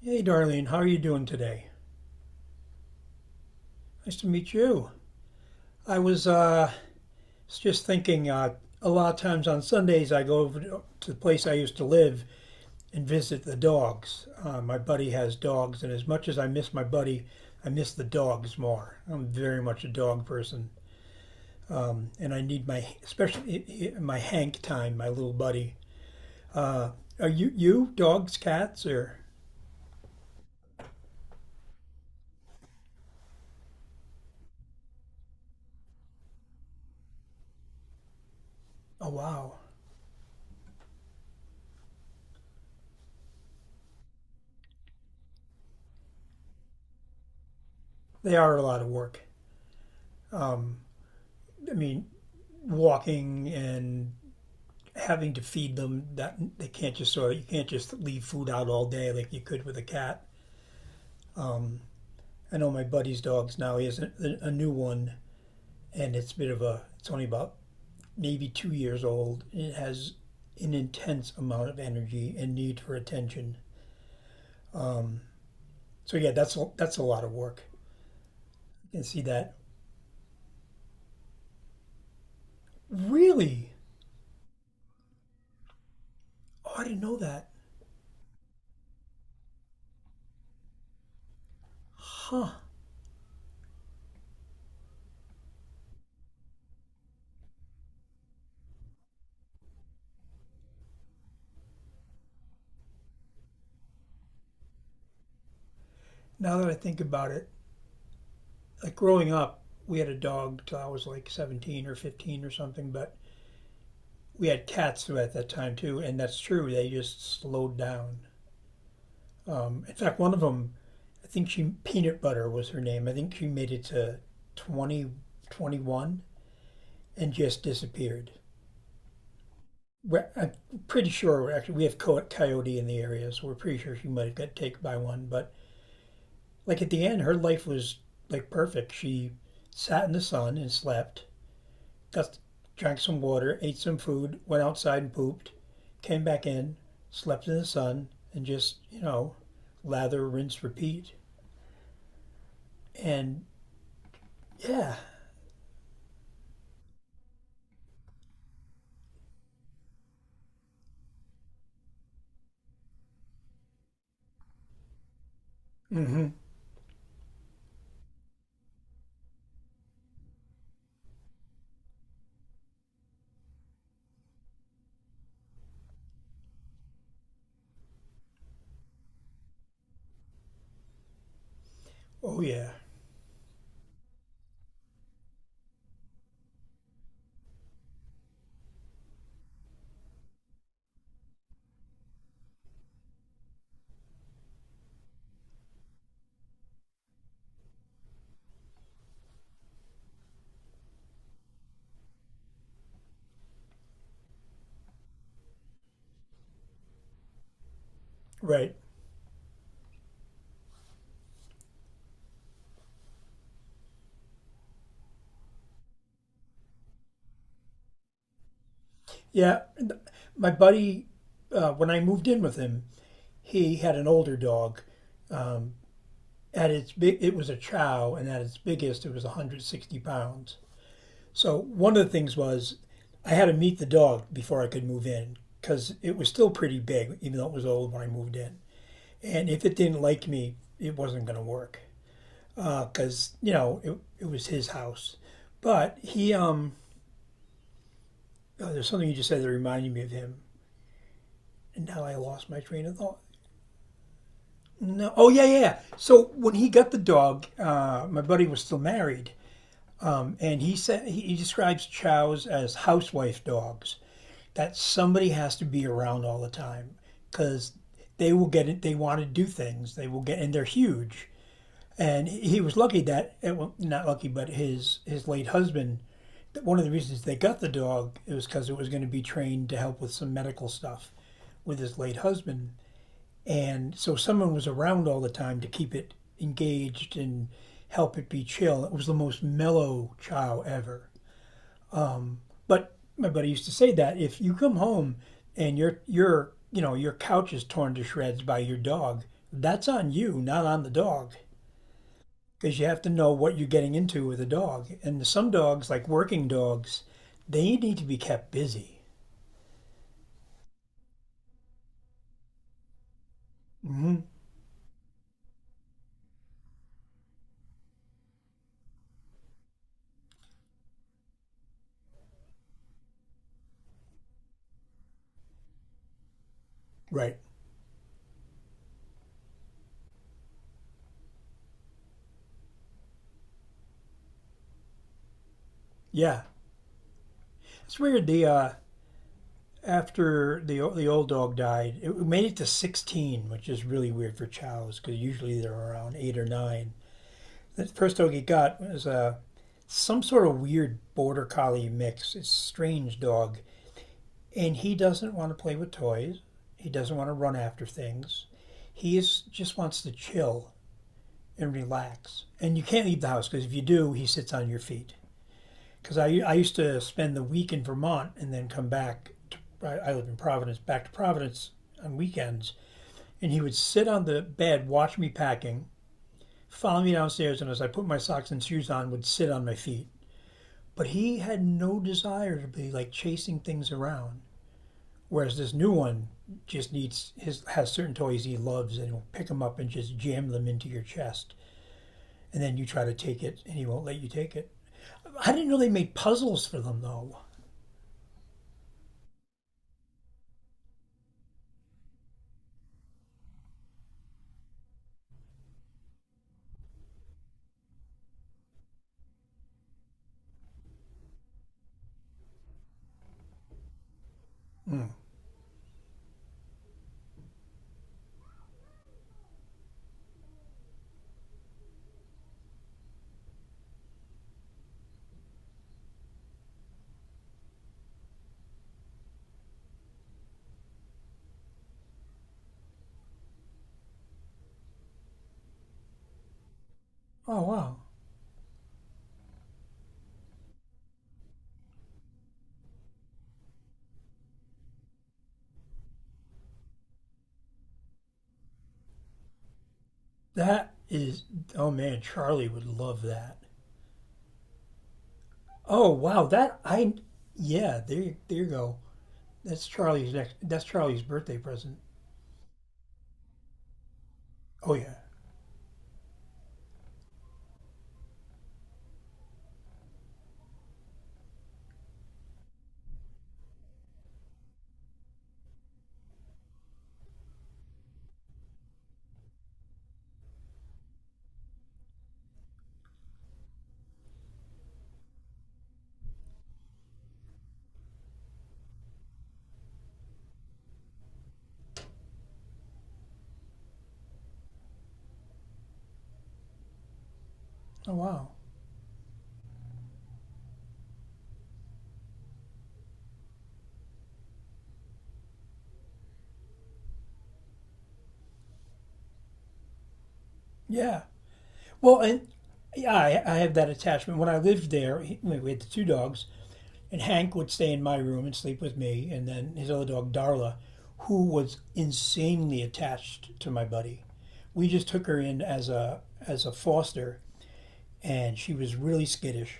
Hey, Darlene, how are you doing today? Nice to meet you. I was just thinking a lot of times on Sundays I go over to the place I used to live and visit the dogs. My buddy has dogs, and as much as I miss my buddy, I miss the dogs more. I'm very much a dog person, and I need especially my Hank time, my little buddy. Are you, dogs, cats, or? Oh, wow. They are a lot of work. Um, I mean, walking and having to feed them that they can't just sort of you can't just leave food out all day like you could with a cat. Um, I know my buddy's dogs now. He has a new one, and it's a bit of a. It's only about maybe 2 years old. And it has an intense amount of energy and need for attention. Um, so yeah, that's a lot of work. You can see that. Really? Oh, I didn't know that. Huh. Now that I think about it, like growing up, we had a dog till I was like 17 or 15 or something, but we had cats at that time too, and that's true. They just slowed down. In fact, I think she Peanut Butter was her name. I think she made it to 20, 21, and just disappeared. I'm pretty sure actually we have coyote in the area, so we're pretty sure she might have got taken by one. But like at the end, her life was like perfect. She sat in the sun and slept. Just drank some water, ate some food, went outside and pooped, came back in, slept in the sun, and just lather, rinse, repeat. And yeah. mm hmm Oh, yeah. Right. Yeah. My buddy, when I moved in with him, he had an older dog. Um, at its big, it was a chow, and at its biggest, it was 160 pounds. So one of the things was I had to meet the dog before I could move in because it was still pretty big, even though it was old when I moved in. And if it didn't like me, it wasn't going to work because you know it was his house. But oh, there's something you just said that reminded me of him, and now I lost my train of thought. No, oh yeah, yeah. So when he got the dog, my buddy was still married, and he said he describes chows as housewife dogs that somebody has to be around all the time because they will get it. They want to do things. They will get, and they're huge. And he was lucky that, well, not lucky, but his late husband. One of the reasons they got the dog was because it was going to be trained to help with some medical stuff with his late husband. And so someone was around all the time to keep it engaged and help it be chill. It was the most mellow chow ever. But my buddy used to say that if you come home and your your couch is torn to shreds by your dog, that's on you, not on the dog, because you have to know what you're getting into with a dog. And some dogs, like working dogs, they need to be kept busy. Hmm. Right? Yeah. It's weird. The After the old dog died, it made it to 16, which is really weird for chows because usually they're around 8 or 9. The first dog he got was some sort of weird border collie mix. It's a strange dog. And he doesn't want to play with toys. He doesn't want to run after things. Just wants to chill and relax. And you can't leave the house because if you do, he sits on your feet. Because I used to spend the week in Vermont and then come back. I live in Providence, back to Providence on weekends. And he would sit on the bed, watch me packing, follow me downstairs, and as I put my socks and shoes on, would sit on my feet. But he had no desire to be like chasing things around. Whereas this new one just needs his has certain toys he loves and he will pick them up and just jam them into your chest, and then you try to take it and he won't let you take it. I didn't know they made puzzles for them though. Hmm. Oh wow, that is oh man, Charlie would love that. Oh wow, that I yeah there you go. That's Charlie's next. That's Charlie's birthday present. Oh yeah. Oh wow. Yeah. Well, and yeah, I have that attachment. When I lived there, we had the two dogs, and Hank would stay in my room and sleep with me, and then his other dog, Darla, who was insanely attached to my buddy. We just took her in as a foster, and she was really skittish.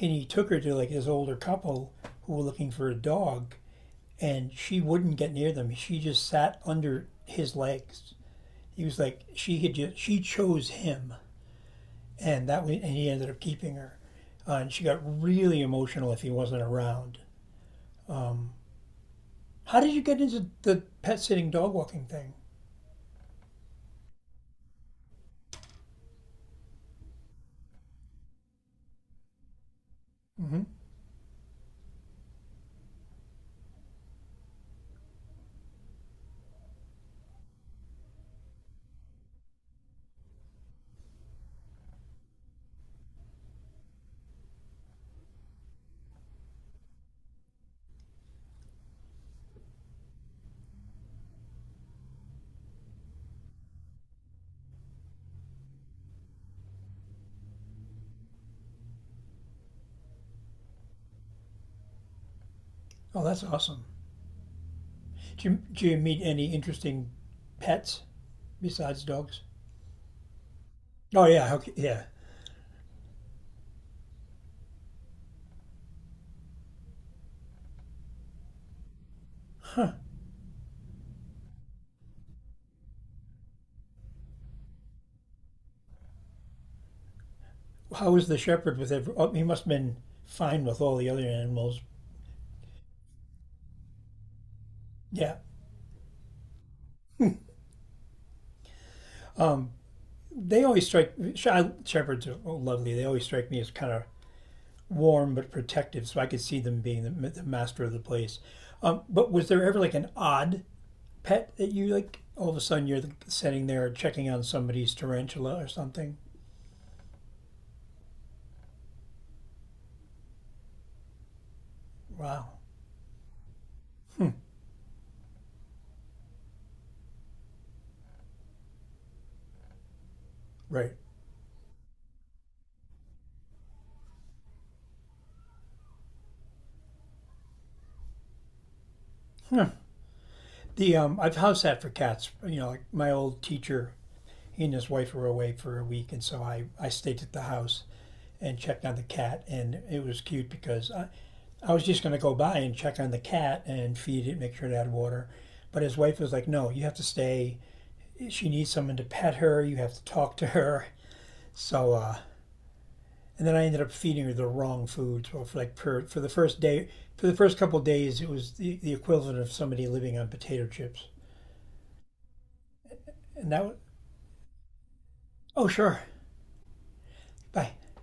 And he took her to like this older couple who were looking for a dog, and she wouldn't get near them. She just sat under his legs. He was like she had just she chose him and that was, and he ended up keeping her. And she got really emotional if he wasn't around. How did you get into the pet sitting dog walking thing? Hmm. Oh, that's awesome. Did did you meet any interesting pets besides dogs? Oh yeah, okay, yeah. Huh. How was the shepherd with every? Oh, he must have been fine with all the other animals. Yeah. Um. They always strike. Shepherds are oh, lovely. They always strike me as kind of warm but protective, so I could see them being the master of the place. But was there ever like an odd pet that you like? All of a sudden, you're sitting there checking on somebody's tarantula or something. Wow, right. The I've house sat for cats. You know, like my old teacher, he and his wife were away for a week, and so I stayed at the house and checked on the cat, and it was cute because I. I was just going to go by and check on the cat and feed it, make sure it had water. But his wife was like, no, you have to stay, she needs someone to pet her. You have to talk to her. So, and then I ended up feeding her the wrong food. So for for the first day, for the first couple of days, it was the equivalent of somebody living on potato chips. And that was, oh sure, bye.